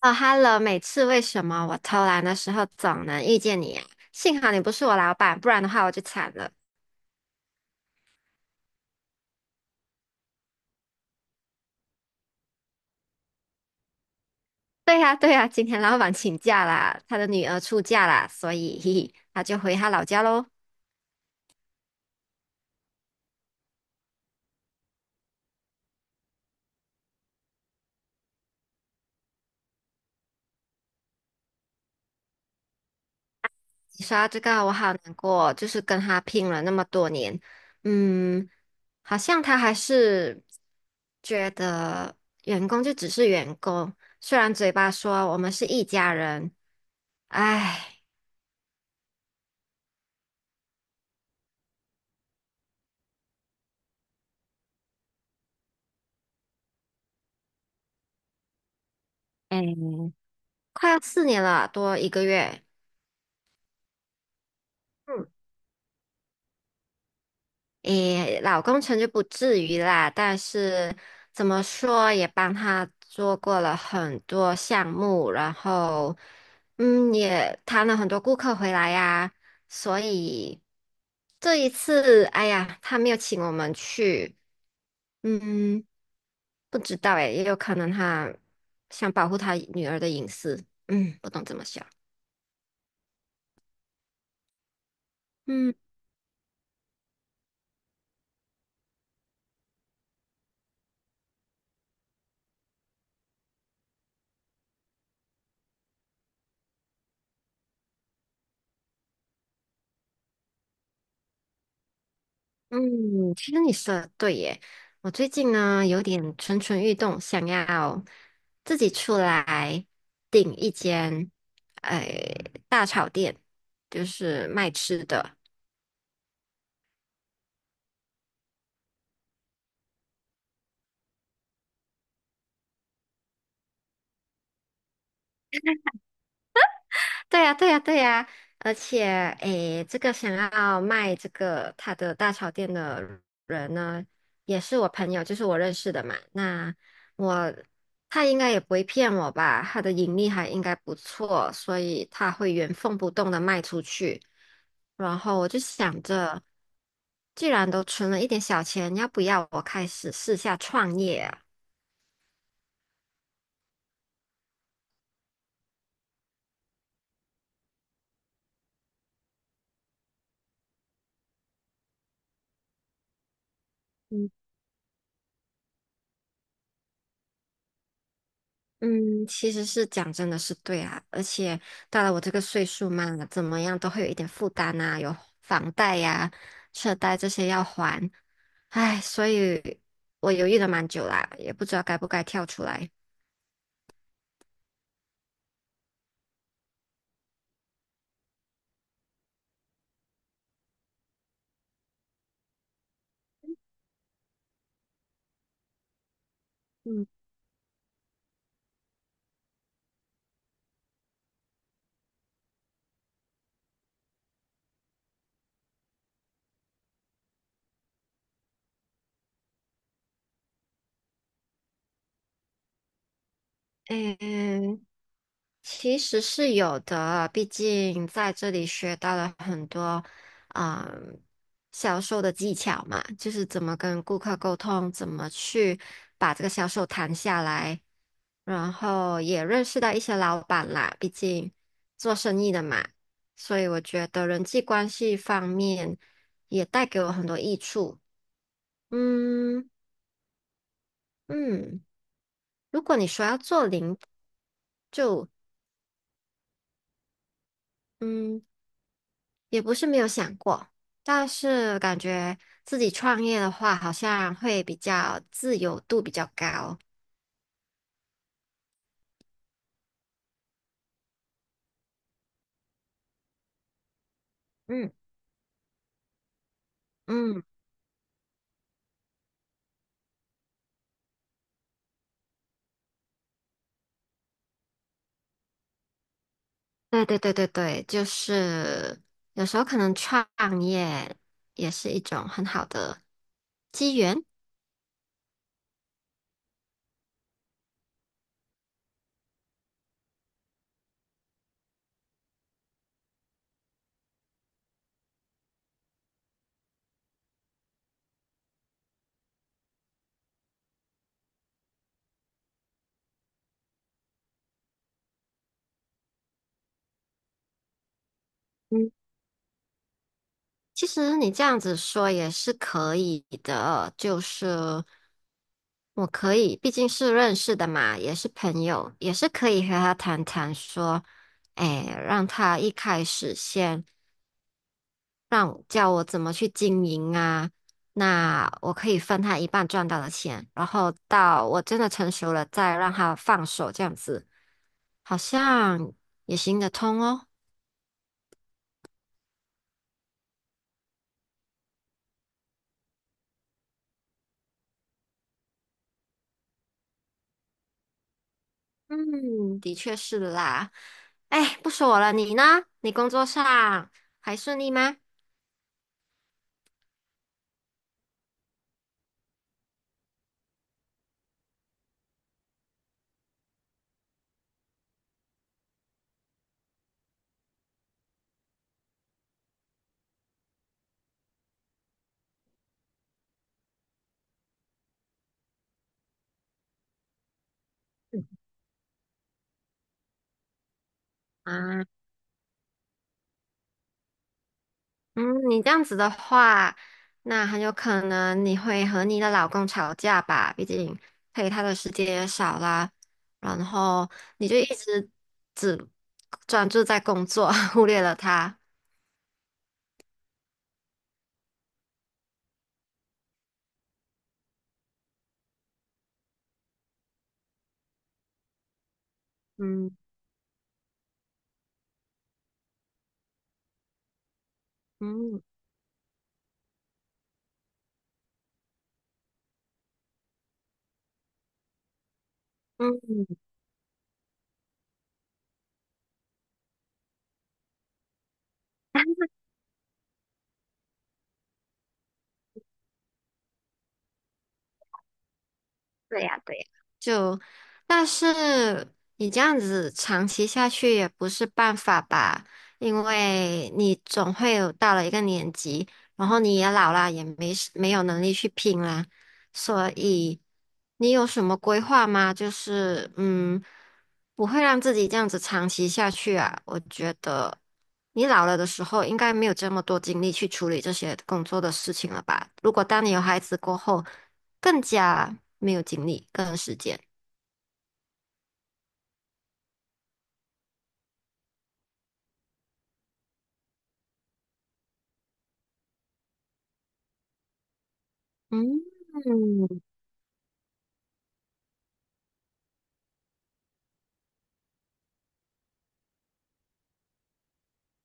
哦，Hello，每次为什么我偷懒的时候总能遇见你呀。幸好你不是我老板，不然的话我就惨了。对呀，对呀，今天老板请假啦，他的女儿出嫁啦，所以嘿嘿，他就回他老家喽。你说到这个，我好难过，就是跟他拼了那么多年，嗯，好像他还是觉得员工就只是员工，虽然嘴巴说我们是一家人，唉。嗯，快要4年了，多一个月。嗯，诶，老工程就不至于啦，但是怎么说也帮他做过了很多项目，然后也谈了很多顾客回来呀，所以这一次，哎呀，他没有请我们去，嗯，不知道诶，也有可能他想保护他女儿的隐私，不懂怎么想，嗯。嗯，其实你说的对耶。我最近呢有点蠢蠢欲动，想要自己出来订一间，哎，大炒店，就是卖吃的。对呀，对呀，对呀，而且，诶，这个想要卖这个他的大潮店的人呢，也是我朋友，就是我认识的嘛。那我他应该也不会骗我吧？他的盈利还应该不错，所以他会原封不动的卖出去。然后我就想着，既然都存了一点小钱，要不要我开始试下创业啊？嗯，其实是讲真的是对啊，而且到了我这个岁数嘛，怎么样都会有一点负担啊，有房贷呀、车贷这些要还，唉，所以我犹豫了蛮久啦，也不知道该不该跳出来。嗯，嗯。其实是有的，毕竟在这里学到了很多，嗯，销售的技巧嘛，就是怎么跟顾客沟通，怎么去把这个销售谈下来，然后也认识到一些老板啦，毕竟做生意的嘛，所以我觉得人际关系方面也带给我很多益处。嗯嗯，如果你说要做零，嗯。也不是没有想过，但是感觉自己创业的话，好像会比较自由度比较高。嗯嗯，对对对对对，就是有时候可能创业也是一种很好的机缘。嗯，其实你这样子说也是可以的，就是我可以，毕竟是认识的嘛，也是朋友，也是可以和他谈谈说，哎，让他一开始先。让叫我怎么去经营啊。那我可以分他一半赚到的钱，然后到我真的成熟了再让他放手，这样子好像也行得通哦。嗯，的确是啦。哎，不说我了，你呢？你工作上还顺利吗？嗯啊，嗯，你这样子的话，那很有可能你会和你的老公吵架吧？毕竟陪他的时间也少啦，然后你就一直只专注在工作，忽略了他。嗯嗯。嗯。对呀，对呀，就，但是你这样子长期下去也不是办法吧，因为你总会有到了一个年纪，然后你也老啦，也没有能力去拼啦，所以你有什么规划吗？就是不会让自己这样子长期下去啊，我觉得你老了的时候应该没有这么多精力去处理这些工作的事情了吧？如果当你有孩子过后。更加没有精力，更有时间。嗯，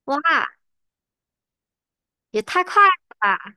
哇，也太快了吧！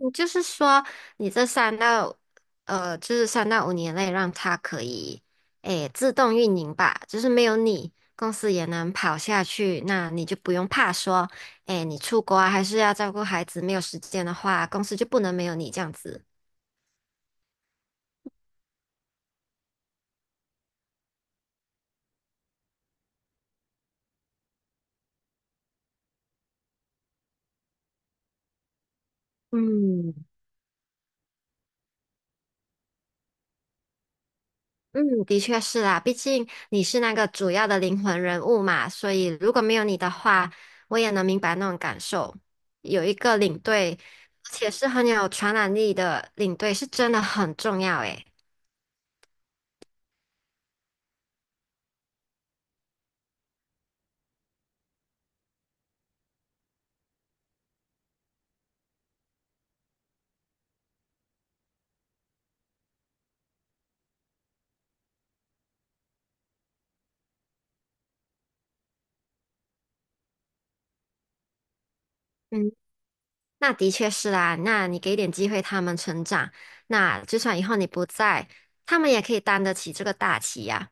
你就是说，你这三到就是3到5年内让它可以诶自动运营吧，就是没有你，公司也能跑下去，那你就不用怕说，诶，你出国啊，还是要照顾孩子，没有时间的话，公司就不能没有你这样子。嗯，嗯，的确是啦，毕竟你是那个主要的灵魂人物嘛，所以如果没有你的话，我也能明白那种感受。有一个领队，而且是很有传染力的领队，是真的很重要诶。嗯，那的确是啦，那你给点机会他们成长，那就算以后你不在，他们也可以担得起这个大旗呀。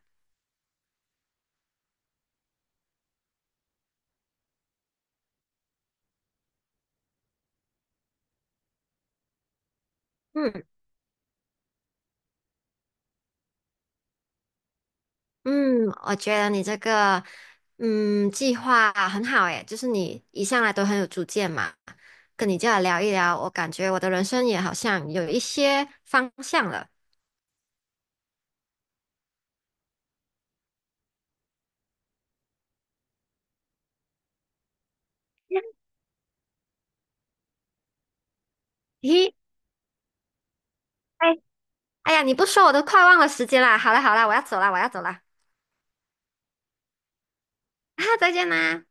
嗯嗯，我觉得你这个计划很好诶，就是你一向来都很有主见嘛。跟你这样聊一聊，我感觉我的人生也好像有一些方向了。咦，哎，哎呀，你不说我都快忘了时间啦。好啦好啦，我要走啦，我要走啦。啊，再见啦。